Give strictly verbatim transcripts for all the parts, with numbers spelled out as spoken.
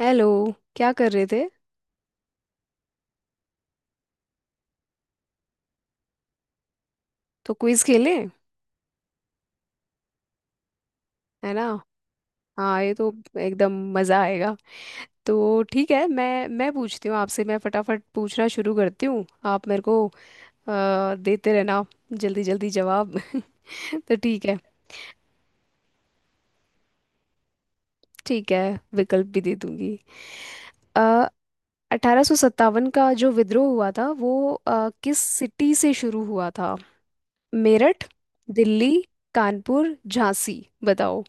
Hello. क्या कर रहे थे? तो क्विज खेलें। है ना? हाँ ये तो एकदम। मज़ा आएगा। तो ठीक है, मैं मैं पूछती हूँ आपसे। मैं फटाफट पूछना शुरू करती हूँ। आप मेरे को अ, देते रहना जल्दी जल्दी जवाब तो ठीक है। ठीक है, विकल्प भी दे दूंगी। अठारह सौ सत्तावन का जो विद्रोह हुआ था वो अ, किस सिटी से शुरू हुआ था? मेरठ, दिल्ली, कानपुर, झांसी। बताओ।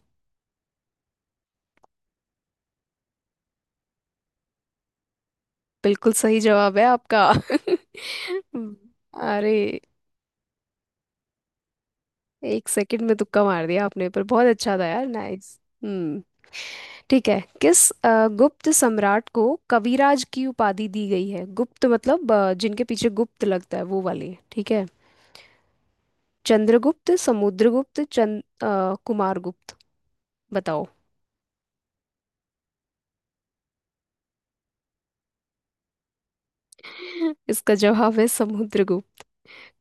बिल्कुल सही जवाब है आपका अरे! एक सेकंड में तुक्का मार दिया आपने, पर बहुत अच्छा था यार। नाइस। हम्म। ठीक है, किस अ, गुप्त सम्राट को कविराज की उपाधि दी गई है? गुप्त मतलब अ, जिनके पीछे गुप्त लगता है वो वाले, ठीक है। चंद्रगुप्त, समुद्रगुप्त, चंद अ, कुमारगुप्त। बताओ। इसका जवाब है समुद्रगुप्त।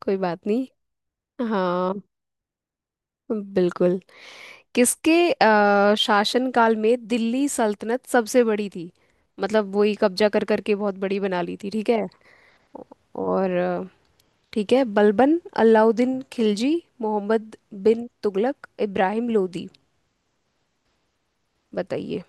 कोई बात नहीं। हाँ, बिल्कुल। किसके अ, शासनकाल में दिल्ली सल्तनत सबसे बड़ी थी? मतलब वही कब्जा कर करके बहुत बड़ी बना ली थी, ठीक है। और अ, ठीक है। बलबन, अलाउद्दीन खिलजी, मोहम्मद बिन तुगलक, इब्राहिम लोदी। बताइए।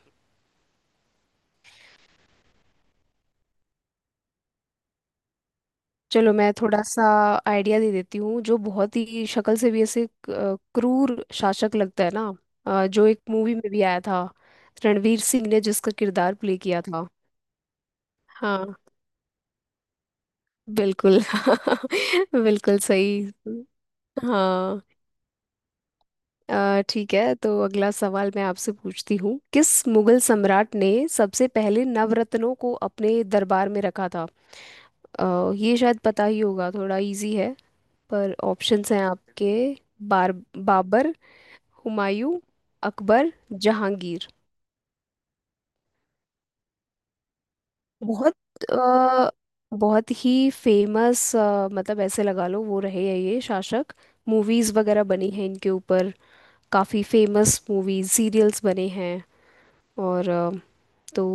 चलो मैं थोड़ा सा आइडिया दे देती हूँ, जो बहुत ही शक्ल से भी ऐसे क- अ, क्रूर शासक लगता है ना। अ, जो एक मूवी में भी आया था, रणवीर सिंह ने जिसका किरदार प्ले किया था। हाँ बिल्कुल बिल्कुल सही। हाँ, अ, ठीक है, तो अगला सवाल मैं आपसे पूछती हूँ। किस मुगल सम्राट ने सबसे पहले नवरत्नों को अपने दरबार में रखा था? अ, ये शायद पता ही होगा, थोड़ा इजी है। पर ऑप्शंस हैं आपके। बार बाबर, हुमायूं, अकबर, जहांगीर। बहुत अ, बहुत ही फेमस, मतलब ऐसे लगा लो वो रहे हैं ये शासक। मूवीज वगैरह बनी हैं इनके ऊपर। काफी फेमस मूवीज सीरियल्स बने हैं। और अ, तो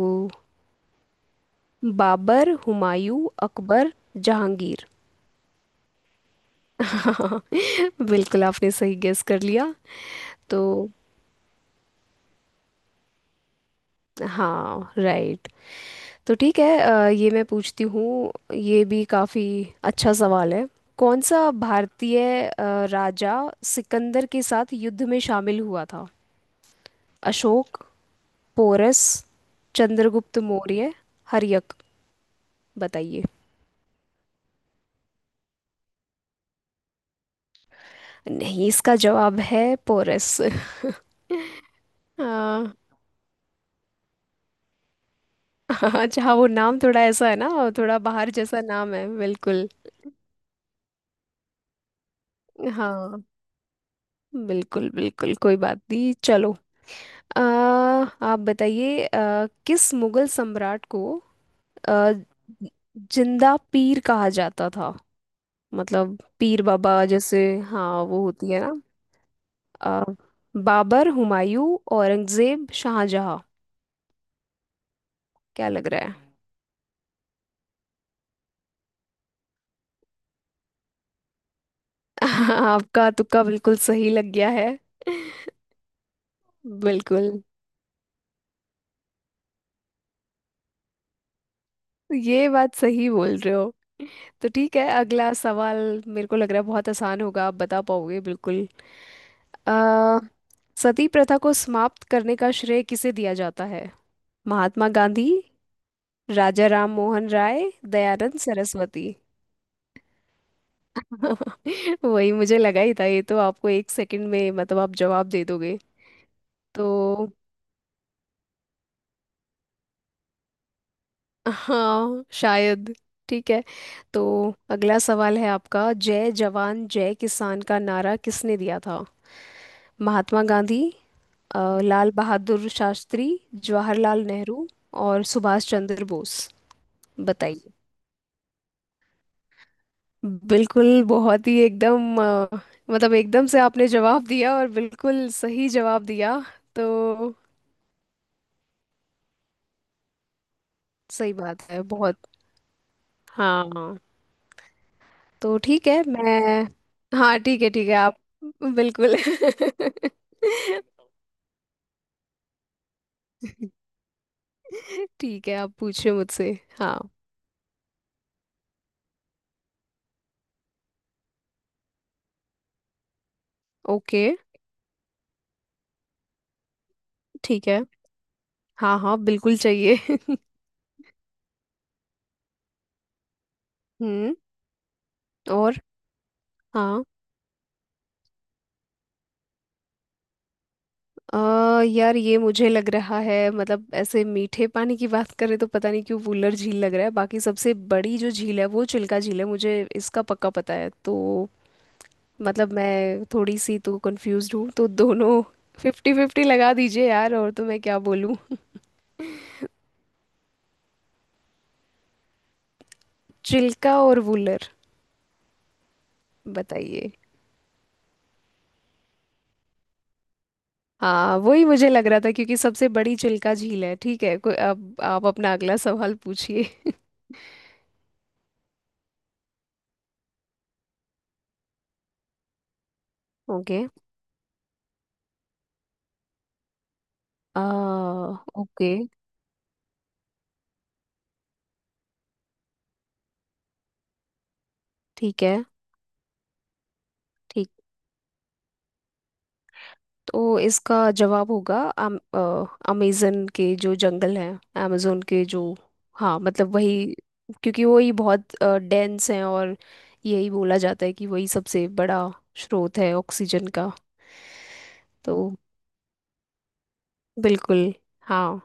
बाबर, हुमायूं, अकबर, जहांगीर। बिल्कुल, आपने सही गेस कर लिया। तो हाँ, राइट। तो ठीक है, अ, ये मैं पूछती हूँ, ये भी काफ़ी अच्छा सवाल है। कौन सा भारतीय अ, राजा सिकंदर के साथ युद्ध में शामिल हुआ था? अशोक, पोरस, चंद्रगुप्त मौर्य, हर्यक। बताइए। नहीं, इसका जवाब है पोरस। अच्छा, हाँ, अच्छा वो नाम थोड़ा ऐसा है ना, थोड़ा बाहर जैसा नाम है बिल्कुल। हाँ, बिल्कुल बिल्कुल कोई बात नहीं, चलो। आ, आप बताइए, आ, किस मुगल सम्राट को आ, जिंदा पीर कहा जाता था? मतलब पीर बाबा जैसे। हाँ, वो होती है ना। आ, बाबर, हुमायूं, औरंगजेब, शाहजहां। क्या लग रहा है? आपका तुक्का बिल्कुल सही लग गया है। बिल्कुल। ये बात सही बोल रहे हो। तो ठीक है, अगला सवाल। मेरे को लग रहा है बहुत आसान होगा, आप बता पाओगे बिल्कुल। अ, सती प्रथा को समाप्त करने का श्रेय किसे दिया जाता है? महात्मा गांधी, राजा राम मोहन राय, दयानंद सरस्वती। वही मुझे लगा ही था, ये तो आपको एक सेकंड में, मतलब आप जवाब दे दोगे। तो हाँ शायद। ठीक है। तो अगला सवाल है आपका, जय जवान जय किसान का नारा किसने दिया था? महात्मा गांधी, अ, लाल बहादुर शास्त्री, जवाहरलाल नेहरू, और सुभाष चंद्र बोस। बताइए। बिल्कुल, बहुत ही एकदम, अ, मतलब एकदम से आपने जवाब दिया, और बिल्कुल सही जवाब दिया। तो सही बात है बहुत। हाँ। तो ठीक है, मैं, हाँ ठीक है, ठीक है, आप बिल्कुल ठीक है, आप पूछिए मुझसे। हाँ। ओके। ठीक है। हाँ हाँ, बिल्कुल चाहिए हम्म। और। हाँ। अ यार, ये मुझे लग रहा है, मतलब ऐसे मीठे पानी की बात करें तो पता नहीं क्यों वुलर झील लग रहा है, बाकी सबसे बड़ी जो झील है वो चिल्का झील है, मुझे इसका पक्का पता है। तो मतलब मैं थोड़ी सी तो कंफ्यूज हूँ, तो दोनों फिफ्टी फिफ्टी लगा दीजिए यार, और तो मैं क्या बोलूँ? चिल्का और वुलर। बताइए। हाँ, वही मुझे लग रहा था, क्योंकि सबसे बड़ी चिल्का झील है। ठीक है, कोई, अब आप अपना अगला सवाल पूछिए ओके। आ। ओके। ठीक है। ठीक। तो इसका जवाब होगा अम, अमेजन के जो जंगल हैं, अमेजोन के जो, हाँ मतलब वही, क्योंकि वही बहुत डेंस हैं, और यही बोला जाता है कि वही सबसे बड़ा स्रोत है ऑक्सीजन का। तो बिल्कुल हाँ।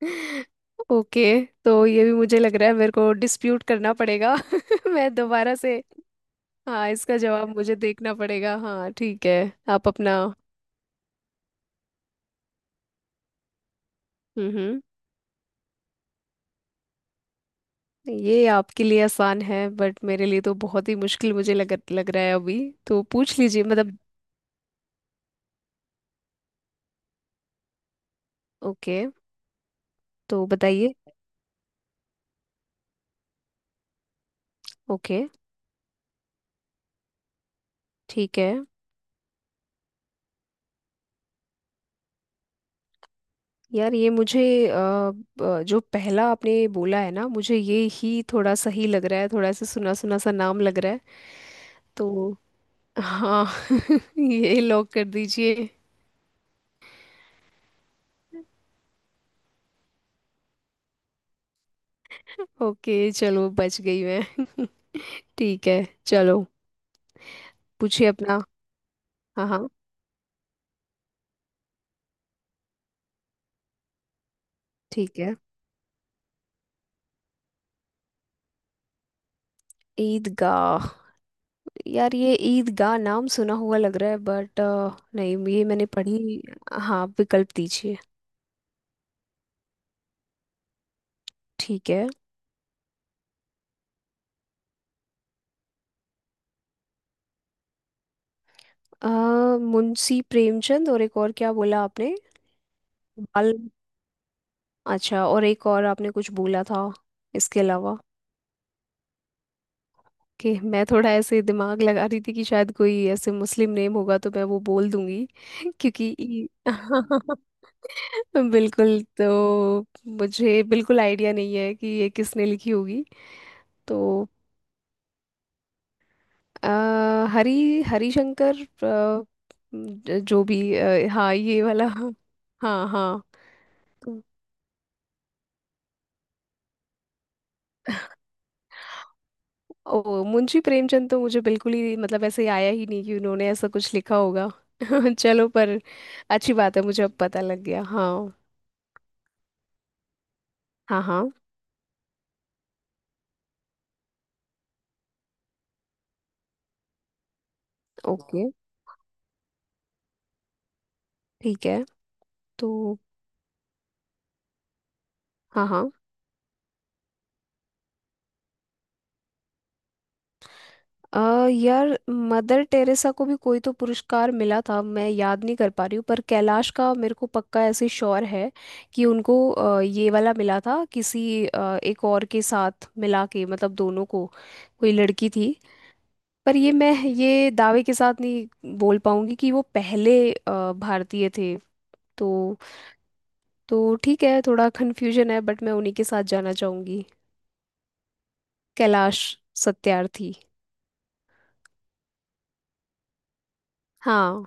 ओके। तो ये भी मुझे लग रहा है, मेरे को डिस्प्यूट करना पड़ेगा मैं दोबारा से, हाँ इसका जवाब मुझे देखना पड़ेगा, हाँ ठीक है। आप अपना। हम्म हम्म। ये आपके लिए आसान है, बट मेरे लिए तो बहुत ही मुश्किल मुझे लग लग रहा है अभी। तो पूछ लीजिए मतलब। ओके। तो बताइए। ओके। ठीक है। यार, ये मुझे अ, अ, जो पहला आपने बोला है ना, मुझे ये ही थोड़ा सा ही लग रहा है, थोड़ा सा सुना सुना सा नाम लग रहा है। तो हाँ ये लॉक कर दीजिए। ओके। चलो, बच गई मैं ठीक है, चलो। पूछिए अपना। हाँ हाँ, ठीक है। ईदगाह। यार, ये ईदगाह नाम सुना हुआ लग रहा है, बट नहीं, ये मैंने पढ़ी। हाँ, विकल्प दीजिए। ठीक है। अ, मुंशी प्रेमचंद और एक और क्या बोला आपने? बाल। अच्छा, और एक और आपने कुछ बोला था इसके अलावा? कि मैं थोड़ा ऐसे दिमाग लगा रही थी कि शायद कोई ऐसे मुस्लिम नेम होगा तो मैं वो बोल दूंगी क्योंकि ई- बिल्कुल, तो मुझे बिल्कुल आइडिया नहीं है कि ये किसने लिखी होगी। तो अ, हरी हरिशंकर अ, ज- जो भी अ, हाँ, ये वाला हाँ हाँ हाँ। ओ मुंशी प्रेमचंद, तो मुझे बिल्कुल ही, मतलब ऐसे आया ही नहीं कि उन्होंने ऐसा कुछ लिखा होगा चलो, पर अच्छी बात है, मुझे अब पता लग गया, हाँ। हाँ हाँ। ओके, ठीक है। तो हाँ हाँ। अ यार, मदर टेरेसा को भी कोई तो पुरस्कार मिला था, मैं याद नहीं कर पा रही हूँ, पर कैलाश का मेरे को पक्का ऐसे श्योर है कि उनको अ, ये वाला मिला था किसी अ, एक और के साथ मिला के, मतलब दोनों को। कोई लड़की थी। पर ये मैं ये दावे के साथ नहीं बोल पाऊंगी कि वो पहले अ, भारतीय थे। तो तो ठीक है, थोड़ा कन्फ्यूजन है, बट मैं उन्हीं के साथ जाना चाहूंगी। कैलाश सत्यार्थी। हाँ।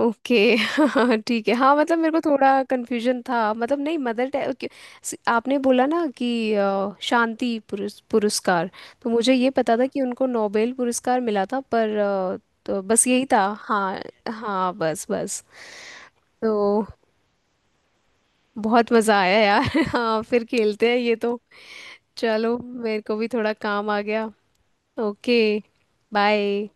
ओके ठीक है। हाँ, मतलब मेरे को थोड़ा कंफ्यूजन था, मतलब नहीं, मदर टेरेसा आपने बोला ना कि अ, शांति पुरस्- पुरस्कार। तो मुझे ये पता था कि उनको नोबेल पुरस्कार मिला था, पर अ, तो बस यही था हाँ। हाँ बस बस। तो बहुत मज़ा आया यार हाँ फिर खेलते हैं ये तो। चलो, मेरे को भी थोड़ा काम आ गया। ओके। बाय।